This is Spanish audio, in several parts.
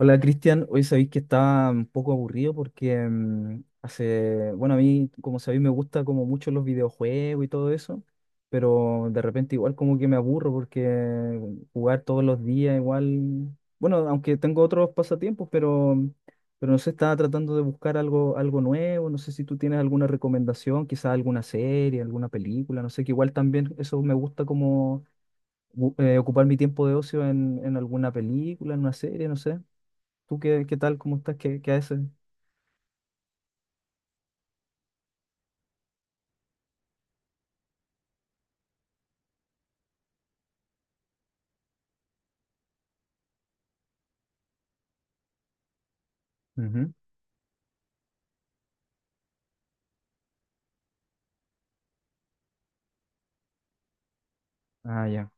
Hola Cristian, hoy sabéis que estaba un poco aburrido porque bueno, a mí, como sabéis, me gusta como mucho los videojuegos y todo eso, pero de repente igual como que me aburro porque jugar todos los días igual, bueno, aunque tengo otros pasatiempos, pero, pero no sé, estaba tratando de buscar algo, nuevo, no sé si tú tienes alguna recomendación, quizás alguna serie, alguna película, no sé, que igual también eso me gusta como ocupar mi tiempo de ocio en, alguna película, en una serie, no sé. ¿Tú qué, tal? ¿Cómo estás? Qué, qué haces? Ujú. Ah, ya.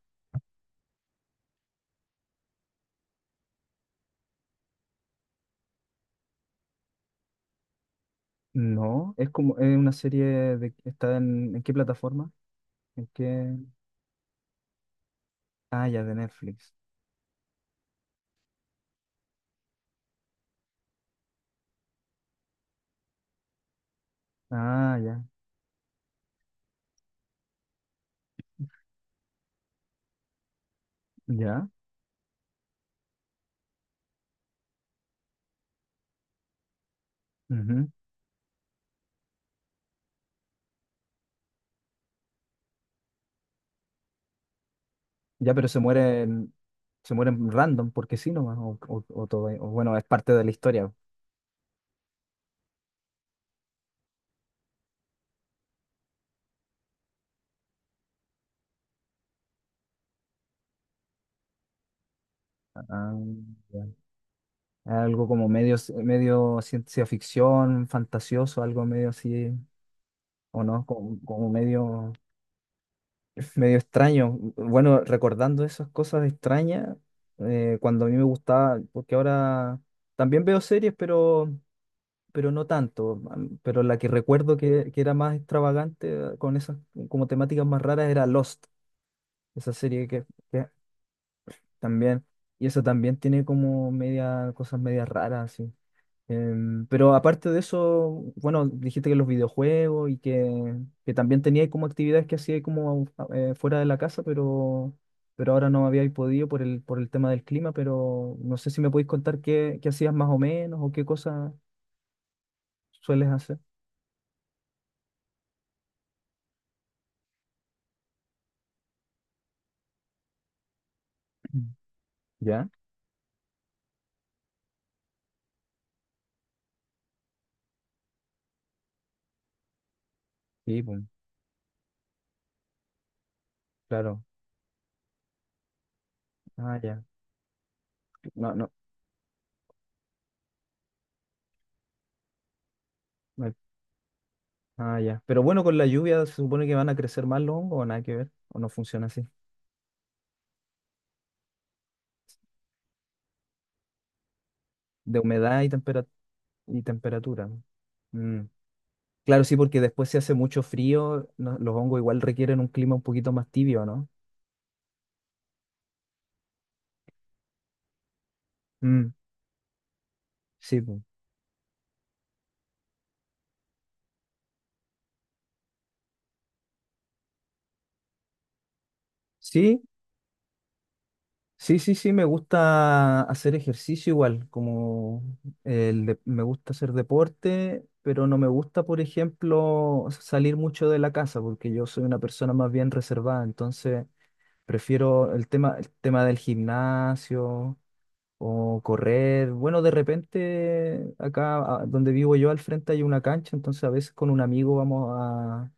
No. Es como es una serie de está ¿en qué plataforma? ¿En qué? Ah, ya, de Netflix. Ah, ya. Ya. Ujú. Ya, pero se mueren, random, porque sí nomás, o todo, o bueno, es parte de la historia. Ah, ya. Algo como medio, ciencia ficción, fantasioso, algo medio así, o no, como medio. Es medio extraño. Bueno, recordando esas cosas extrañas, cuando a mí me gustaba, porque ahora también veo series, pero, no tanto. Pero la que recuerdo que era más extravagante, con esas como temáticas más raras, era Lost, esa serie que también, y eso también tiene como media, cosas medias raras. Pero aparte de eso, bueno, dijiste que los videojuegos y que, también teníais como actividades que hacíais como fuera de la casa, pero, ahora no habíais podido por el tema del clima, pero no sé si me podéis contar qué hacías más o menos o qué cosas sueles hacer. Mm. ¿Ya? Sí, pues, claro. Ah, ya. No, no. Ah, ya. Pero bueno, con la lluvia se supone que van a crecer más los hongos o nada que ver, o no funciona así. De humedad y temperatura. ¿No? Claro, sí, porque después se hace mucho frío, los hongos igual requieren un clima un poquito más tibio, ¿no? Mm, sí, po. Sí, sí, sí, sí, me gusta hacer ejercicio igual, como me gusta hacer deporte, pero no me gusta, por ejemplo, salir mucho de la casa, porque yo soy una persona más bien reservada, entonces prefiero el tema, del gimnasio, o correr. Bueno, de repente acá donde vivo yo al frente hay una cancha, entonces a veces con un amigo vamos a.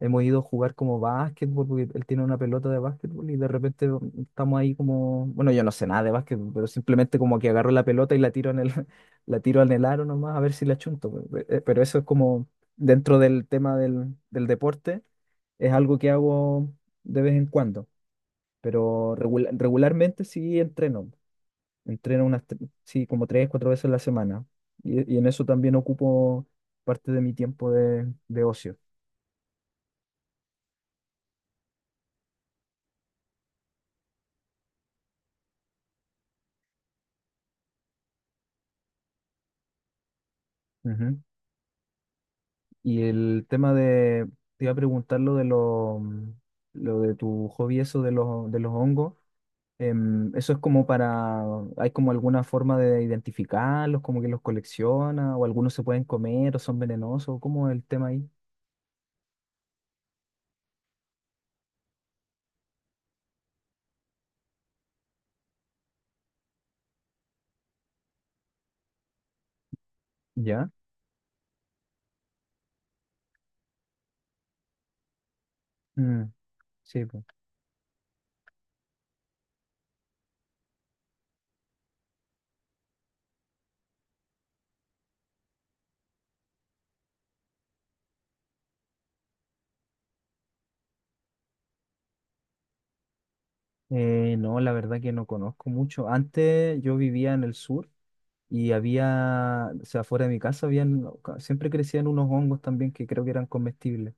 Hemos ido a jugar como básquetbol, porque él tiene una pelota de básquetbol y de repente estamos ahí como, bueno, yo no sé nada de básquetbol, pero simplemente como que agarro la pelota y la tiro en el, la tiro en el aro nomás a ver si la chunto. Pero eso es como dentro del tema del, deporte, es algo que hago de vez en cuando, pero regularmente sí entreno. Entreno Sí, como 3, 4 veces a la semana. Y en eso también ocupo parte de mi tiempo de, ocio. Ujú. Y el tema de, te iba a preguntar lo de lo de tu hobby, eso de los hongos. Eso es como ¿hay como alguna forma de identificarlos, como que los colecciona, o algunos se pueden comer o son venenosos? ¿Cómo es el tema ahí? ¿Ya? Mm, sí, pues. No, la verdad que no conozco mucho. Antes yo vivía en el sur. Y había, o sea, fuera de mi casa, siempre crecían unos hongos también que creo que eran comestibles.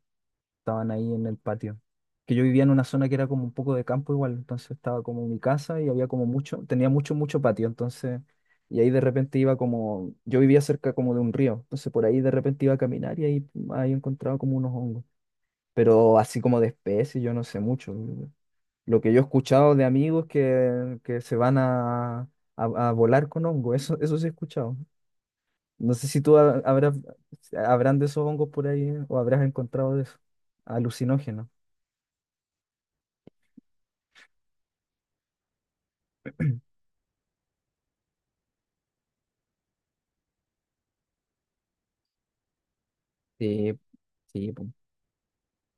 Estaban ahí en el patio. Que yo vivía en una zona que era como un poco de campo igual, entonces estaba como mi casa y había tenía mucho, mucho patio, entonces, y ahí de repente yo vivía cerca como de un río, entonces por ahí de repente iba a caminar y ahí, encontraba como unos hongos. Pero así como de especies, yo no sé mucho. Lo que yo he escuchado de amigos que, se van a volar con hongo, eso sí he escuchado. No sé si tú habrás, habrán de esos hongos por ahí, ¿eh? O habrás encontrado de eso. Alucinógeno. Sí, sí, po.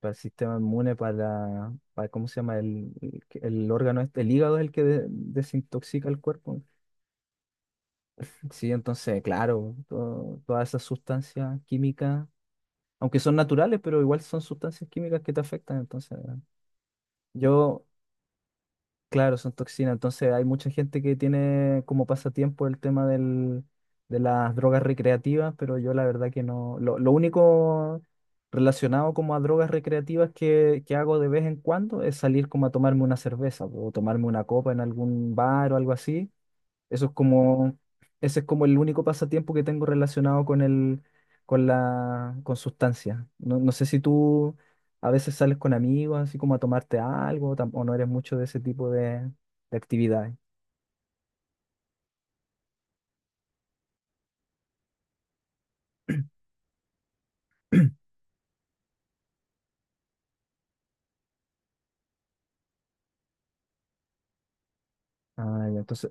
Para el sistema inmune, para, ¿cómo se llama? el órgano, el hígado es el que desintoxica el cuerpo. Sí, entonces, claro, todas esas sustancias químicas, aunque son naturales, pero igual son sustancias químicas que te afectan. Entonces, yo Claro, son toxinas. Entonces hay mucha gente que tiene como pasatiempo el tema del, de las drogas recreativas, pero yo la verdad que no. Lo único relacionado como a drogas recreativas que, hago de vez en cuando es salir como a tomarme una cerveza o tomarme una copa en algún bar o algo así. Eso es como, ese es como el único pasatiempo que tengo relacionado con el, con sustancia. No, no sé si tú a veces sales con amigos, así como a tomarte algo, o no eres mucho de ese tipo de, actividades. Ah, ya, entonces,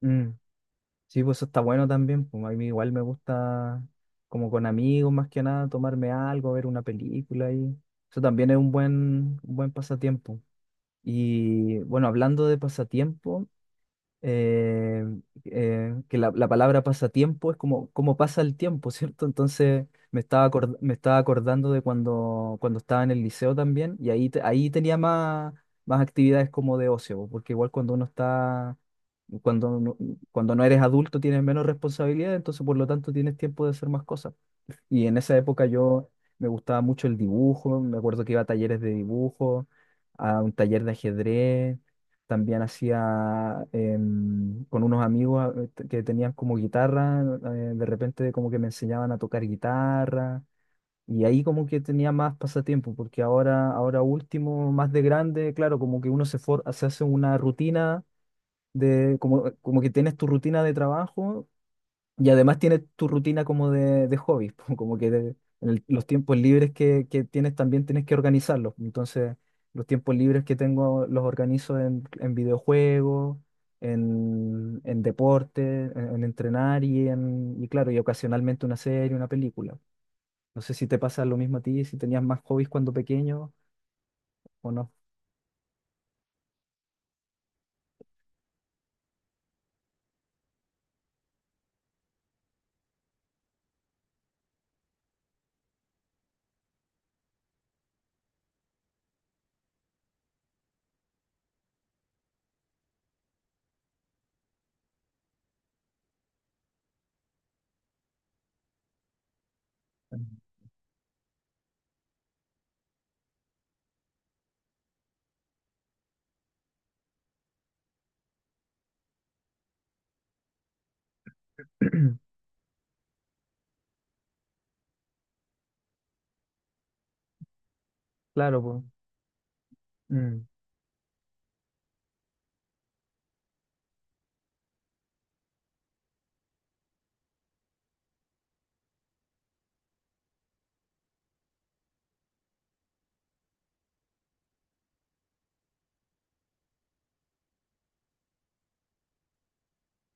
mm, sí, pues eso está bueno también. Pues a mí igual me gusta, como con amigos más que nada, tomarme algo, ver una película y eso también es un buen, pasatiempo. Y bueno, hablando de pasatiempo, eh, que la, palabra pasatiempo es como pasa el tiempo, ¿cierto? Entonces me estaba acordando de cuando, estaba en el liceo también y ahí tenía más actividades como de ocio, porque igual cuando uno está, cuando, no- cuando no eres adulto tienes menos responsabilidad, entonces por lo tanto tienes tiempo de hacer más cosas. Y en esa época yo me gustaba mucho el dibujo, me acuerdo que iba a talleres de dibujo, a un taller de ajedrez, también hacía con unos amigos que tenían como guitarra, de repente como que me enseñaban a tocar guitarra y ahí como que tenía más pasatiempo, porque ahora último, más de grande, claro, como que uno se hace una rutina como que tienes tu rutina de trabajo y además tienes tu rutina como de, hobbies, como que de- en el- los tiempos libres que tienes también tienes que organizarlos. Entonces, los tiempos libres que tengo los organizo en, videojuegos, en, deporte, en entrenar y claro, y ocasionalmente una serie, una película. No sé si te pasa lo mismo a ti, si tenías más hobbies cuando pequeño o no. Claro, pues. Mm.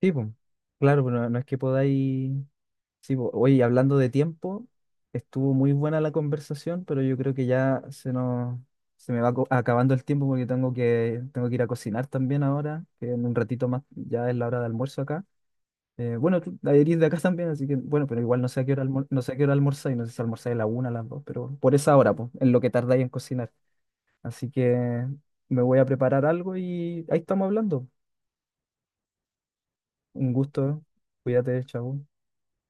Sí, pues. Claro, pues no, no es que podáis. Sí, po. Oye, y hablando de tiempo, estuvo muy buena la conversación, pero yo creo que ya se nos, se me va acabando el tiempo porque tengo que, ir a cocinar también ahora, que en un ratito más ya es la hora de almuerzo acá. Bueno, tú eres de acá también, así que bueno, pero igual no sé a qué hora almor- no sé a qué hora almorzáis, no sé si almorzáis a la 1, a las 2, pero por esa hora, pues, en lo que tardáis en cocinar. Así que me voy a preparar algo y ahí estamos hablando. Un gusto, ¿eh? Cuídate, chao.